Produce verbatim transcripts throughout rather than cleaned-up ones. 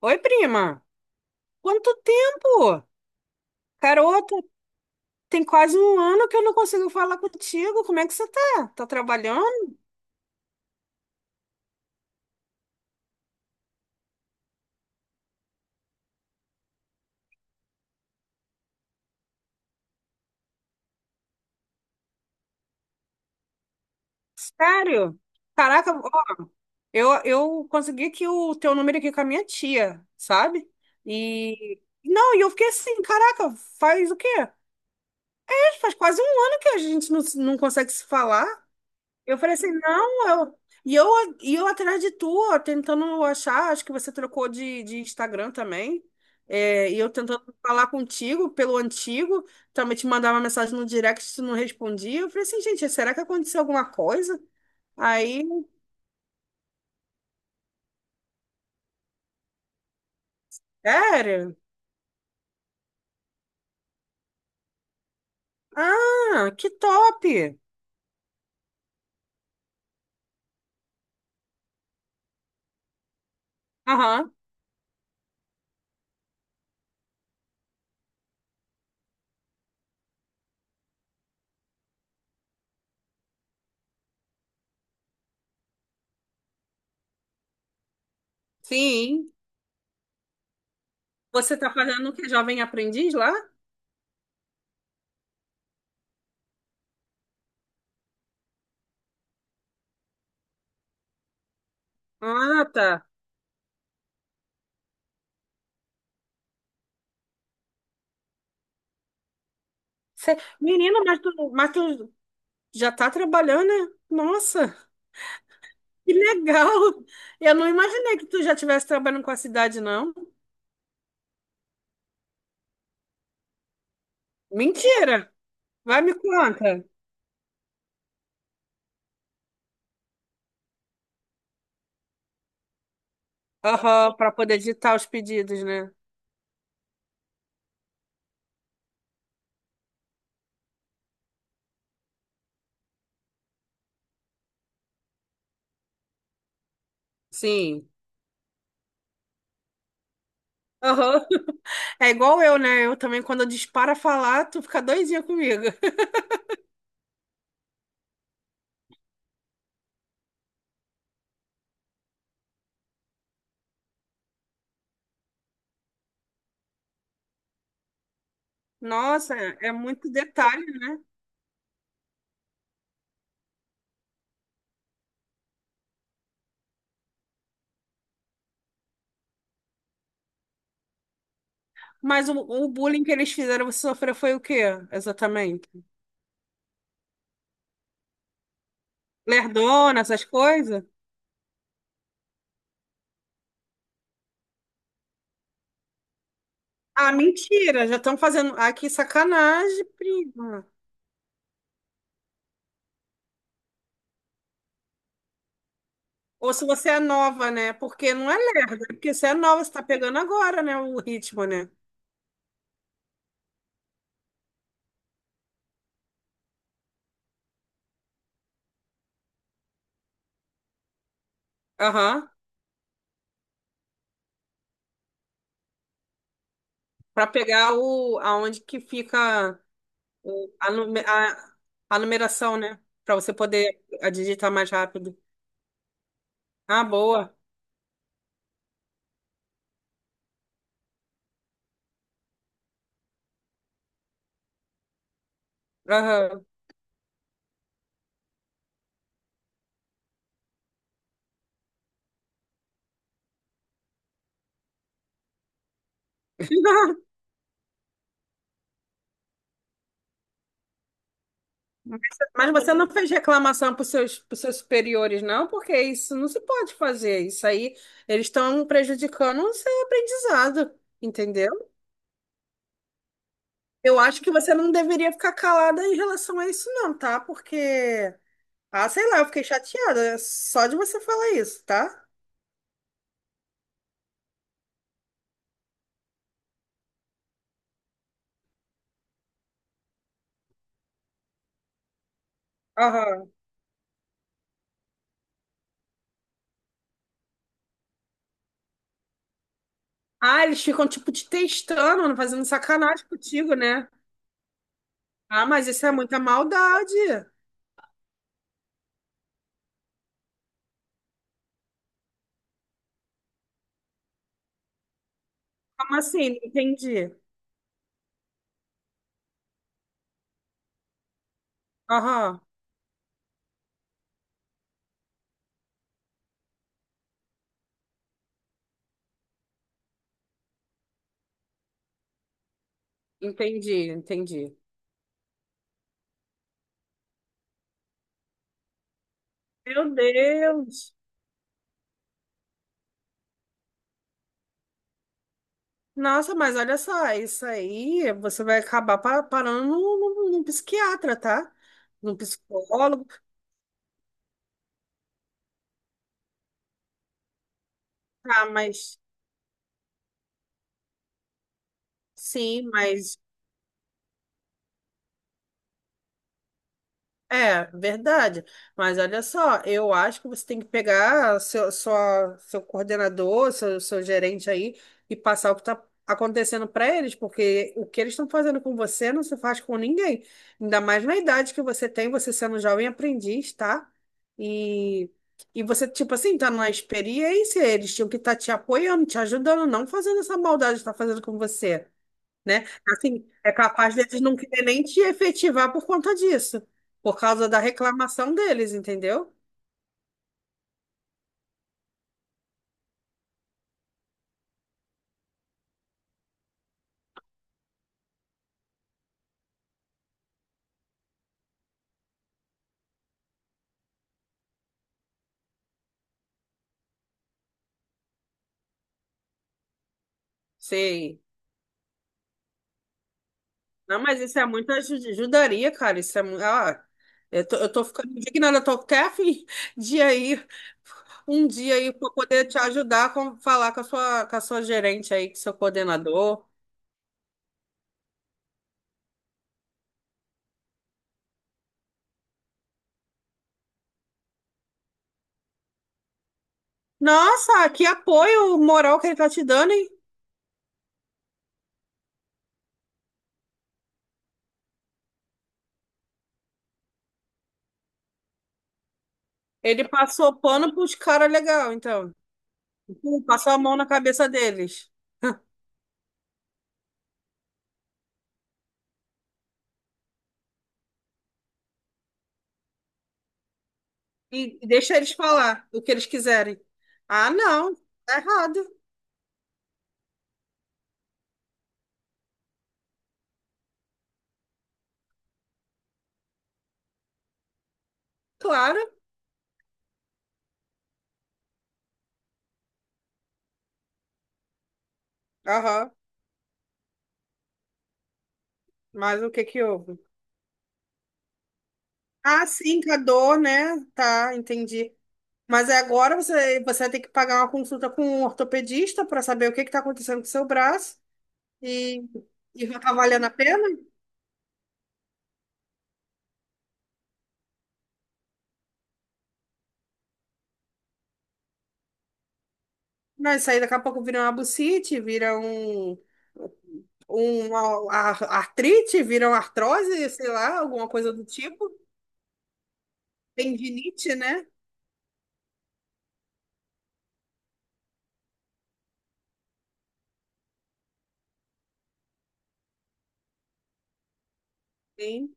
Oi, prima. Quanto tempo? Garota, tem quase um ano que eu não consigo falar contigo. Como é que você tá? Tá trabalhando? Sério? Caraca, ó, eu, eu consegui aqui o teu número aqui com a minha tia, sabe? E não, e eu fiquei assim, caraca, faz o quê? Faz quase um ano que a gente não, se- não consegue se falar. Eu falei assim, não, eu... E eu, e eu atrás de tu, ó, tentando achar, acho que você trocou de, de Instagram também. É, e eu tentando falar contigo pelo antigo, também te mandava mensagem no direct, tu não respondia. Eu falei assim, gente, será que aconteceu alguma coisa? Aí, sério? Ah, que top! Aham, sim. Você tá fazendo o que, Jovem Aprendiz lá? Ah, tá. Cê... Menina, mas tu, mas tu já tá trabalhando, né? Nossa! Que legal! Eu não imaginei que tu já estivesse trabalhando com a cidade, não. Mentira! Vai me conta. Aham, para poder digitar os pedidos, né? Sim. Aham. É igual eu, né? Eu também, quando eu disparo a falar, tu fica doidinha comigo. Nossa, é muito detalhe, né? Mas o, o bullying que eles fizeram você sofrer foi o quê, exatamente? Lerdona, essas coisas? Ah, mentira! Já estão fazendo aqui sacanagem, prima. Ou se você é nova, né? Porque não é lerda, é porque você é nova, você tá pegando agora, né? O ritmo, né? Aham. Pra pegar o, aonde que fica o- a, nume- a, a numeração, né? Pra você poder a digitar mais rápido. Ah, boa. Aham. Mas mas você não fez reclamação para os seus, pros seus superiores, não? Porque isso não se pode fazer. Isso aí, eles estão prejudicando o seu aprendizado, entendeu? Eu acho que você não deveria ficar calada em relação a isso, não, tá? Porque, ah, sei lá, eu fiquei chateada é só de você falar isso, tá? Aham. Ah, eles ficam, tipo, te testando, fazendo sacanagem contigo, né? Ah, mas isso é muita maldade. Como assim? Não entendi. Aham. Entendi, entendi. Meu Deus. Nossa, mas olha só, isso aí você vai acabar pa- parando num num- num psiquiatra, tá? Num psicólogo. Ah, mas sim, mas é, verdade. Mas olha só, eu acho que você tem que pegar seu, sua, seu coordenador, seu, seu gerente aí e passar o que está acontecendo para eles, porque o que eles estão fazendo com você não se faz com ninguém. Ainda mais na idade que você tem, você sendo jovem aprendiz, tá? E, e você, tipo assim, tá na experiência, eles tinham que estar te apoiando, te ajudando, não fazendo essa maldade que está fazendo com você, né? Assim, é capaz deles não querer nem te efetivar por conta disso, por causa da reclamação deles, entendeu? Sei. Não, mas isso é muita aju- ajudaria, cara. Isso é muito. Ah, eu tô, eu tô ficando indignada, eu tô até a fim de aí, um dia aí, pra poder te ajudar a com- falar com a sua, com a sua gerente aí, com seu coordenador. Nossa, que apoio moral que ele tá te dando, hein? Ele passou pano pros caras legal, então. Passou a mão na cabeça deles. E deixa eles falar o que eles quiserem. Ah, não, tá errado, claro. Aham, mas o que que houve? Ah, sim, com a dor, né? Tá, entendi. Mas é agora você, você vai ter que pagar uma consulta com um ortopedista para saber o que que tá acontecendo com o seu braço e, e vai tá valendo a pena? Não, isso aí daqui a pouco vira uma bucite, vira um, uma ar- artrite, vira uma artrose, sei lá, alguma coisa do tipo. Tendinite, né? Sim.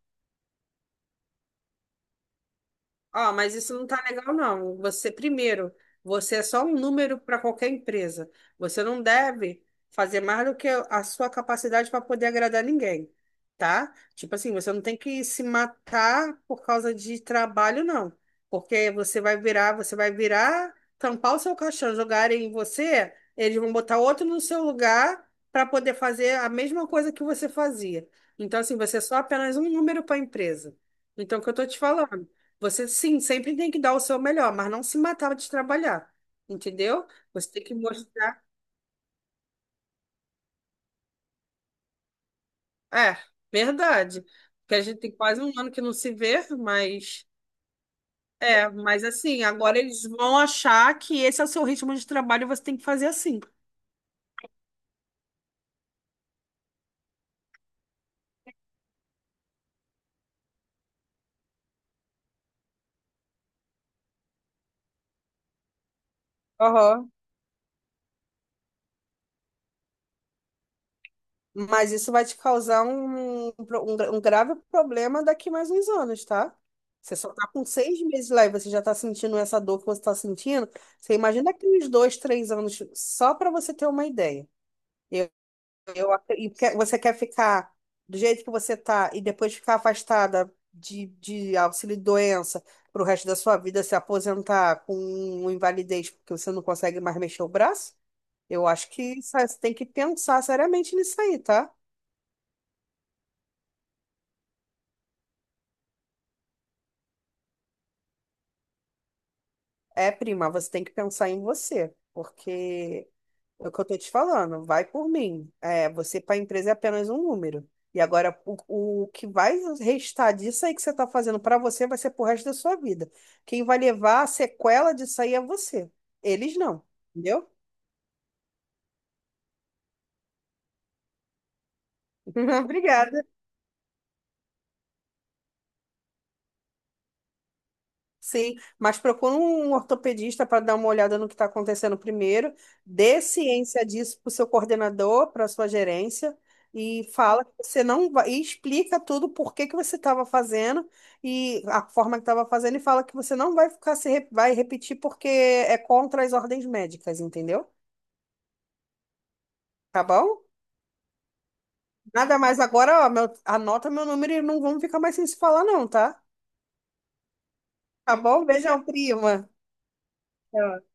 Ó, mas isso não tá legal, não. Você, primeiro, você é só um número para qualquer empresa. Você não deve fazer mais do que a sua capacidade para poder agradar ninguém, tá? Tipo assim, você não tem que se matar por causa de trabalho, não. Porque você vai virar, você vai virar, tampar o seu caixão, jogarem em você, eles vão botar outro no seu lugar para poder fazer a mesma coisa que você fazia. Então, assim, você é só apenas um número para a empresa. Então, é o que eu tô te falando? Você sim, sempre tem que dar o seu melhor, mas não se matar de trabalhar, entendeu? Você tem que mostrar. É, verdade. Porque a gente tem quase um ano que não se vê, mas. É, mas assim, agora eles vão achar que esse é o seu ritmo de trabalho e você tem que fazer assim. Aham. Mas isso vai te causar um, um pro- um, gra- um grave problema daqui mais uns anos, tá? Você só tá com seis meses lá e você já tá sentindo essa dor que você tá sentindo. Você imagina daqui uns dois, três anos, só para você ter uma ideia. Eu, eu, ac- e que- Você quer ficar do jeito que você tá e depois ficar afastada de, de auxílio-doença pro resto da sua vida, se aposentar com uma invalidez porque você não consegue mais mexer o braço? Eu acho que isso- você tem que pensar seriamente nisso aí, tá? É, prima, você tem que pensar em você, porque é o que eu tô te falando, vai por mim. É, você para a empresa é apenas um número. E agora o, o que vai restar disso aí que você tá fazendo para você vai ser pro resto da sua vida. Quem vai levar a sequela disso aí é você. Eles não, entendeu? Obrigada. Sim, mas procura um ortopedista para dar uma olhada no que está acontecendo primeiro, dê ciência disso para o seu coordenador, para a sua gerência, e fala que você não vai, e explica tudo por que que você estava fazendo e a forma que estava fazendo, e fala que você não vai ficar se re- vai repetir porque é contra as ordens médicas, entendeu? Tá bom? Nada mais agora, ó, meu, anota meu número e não vamos ficar mais sem se falar, não, tá? Tá bom? Beijão, prima. Tchau.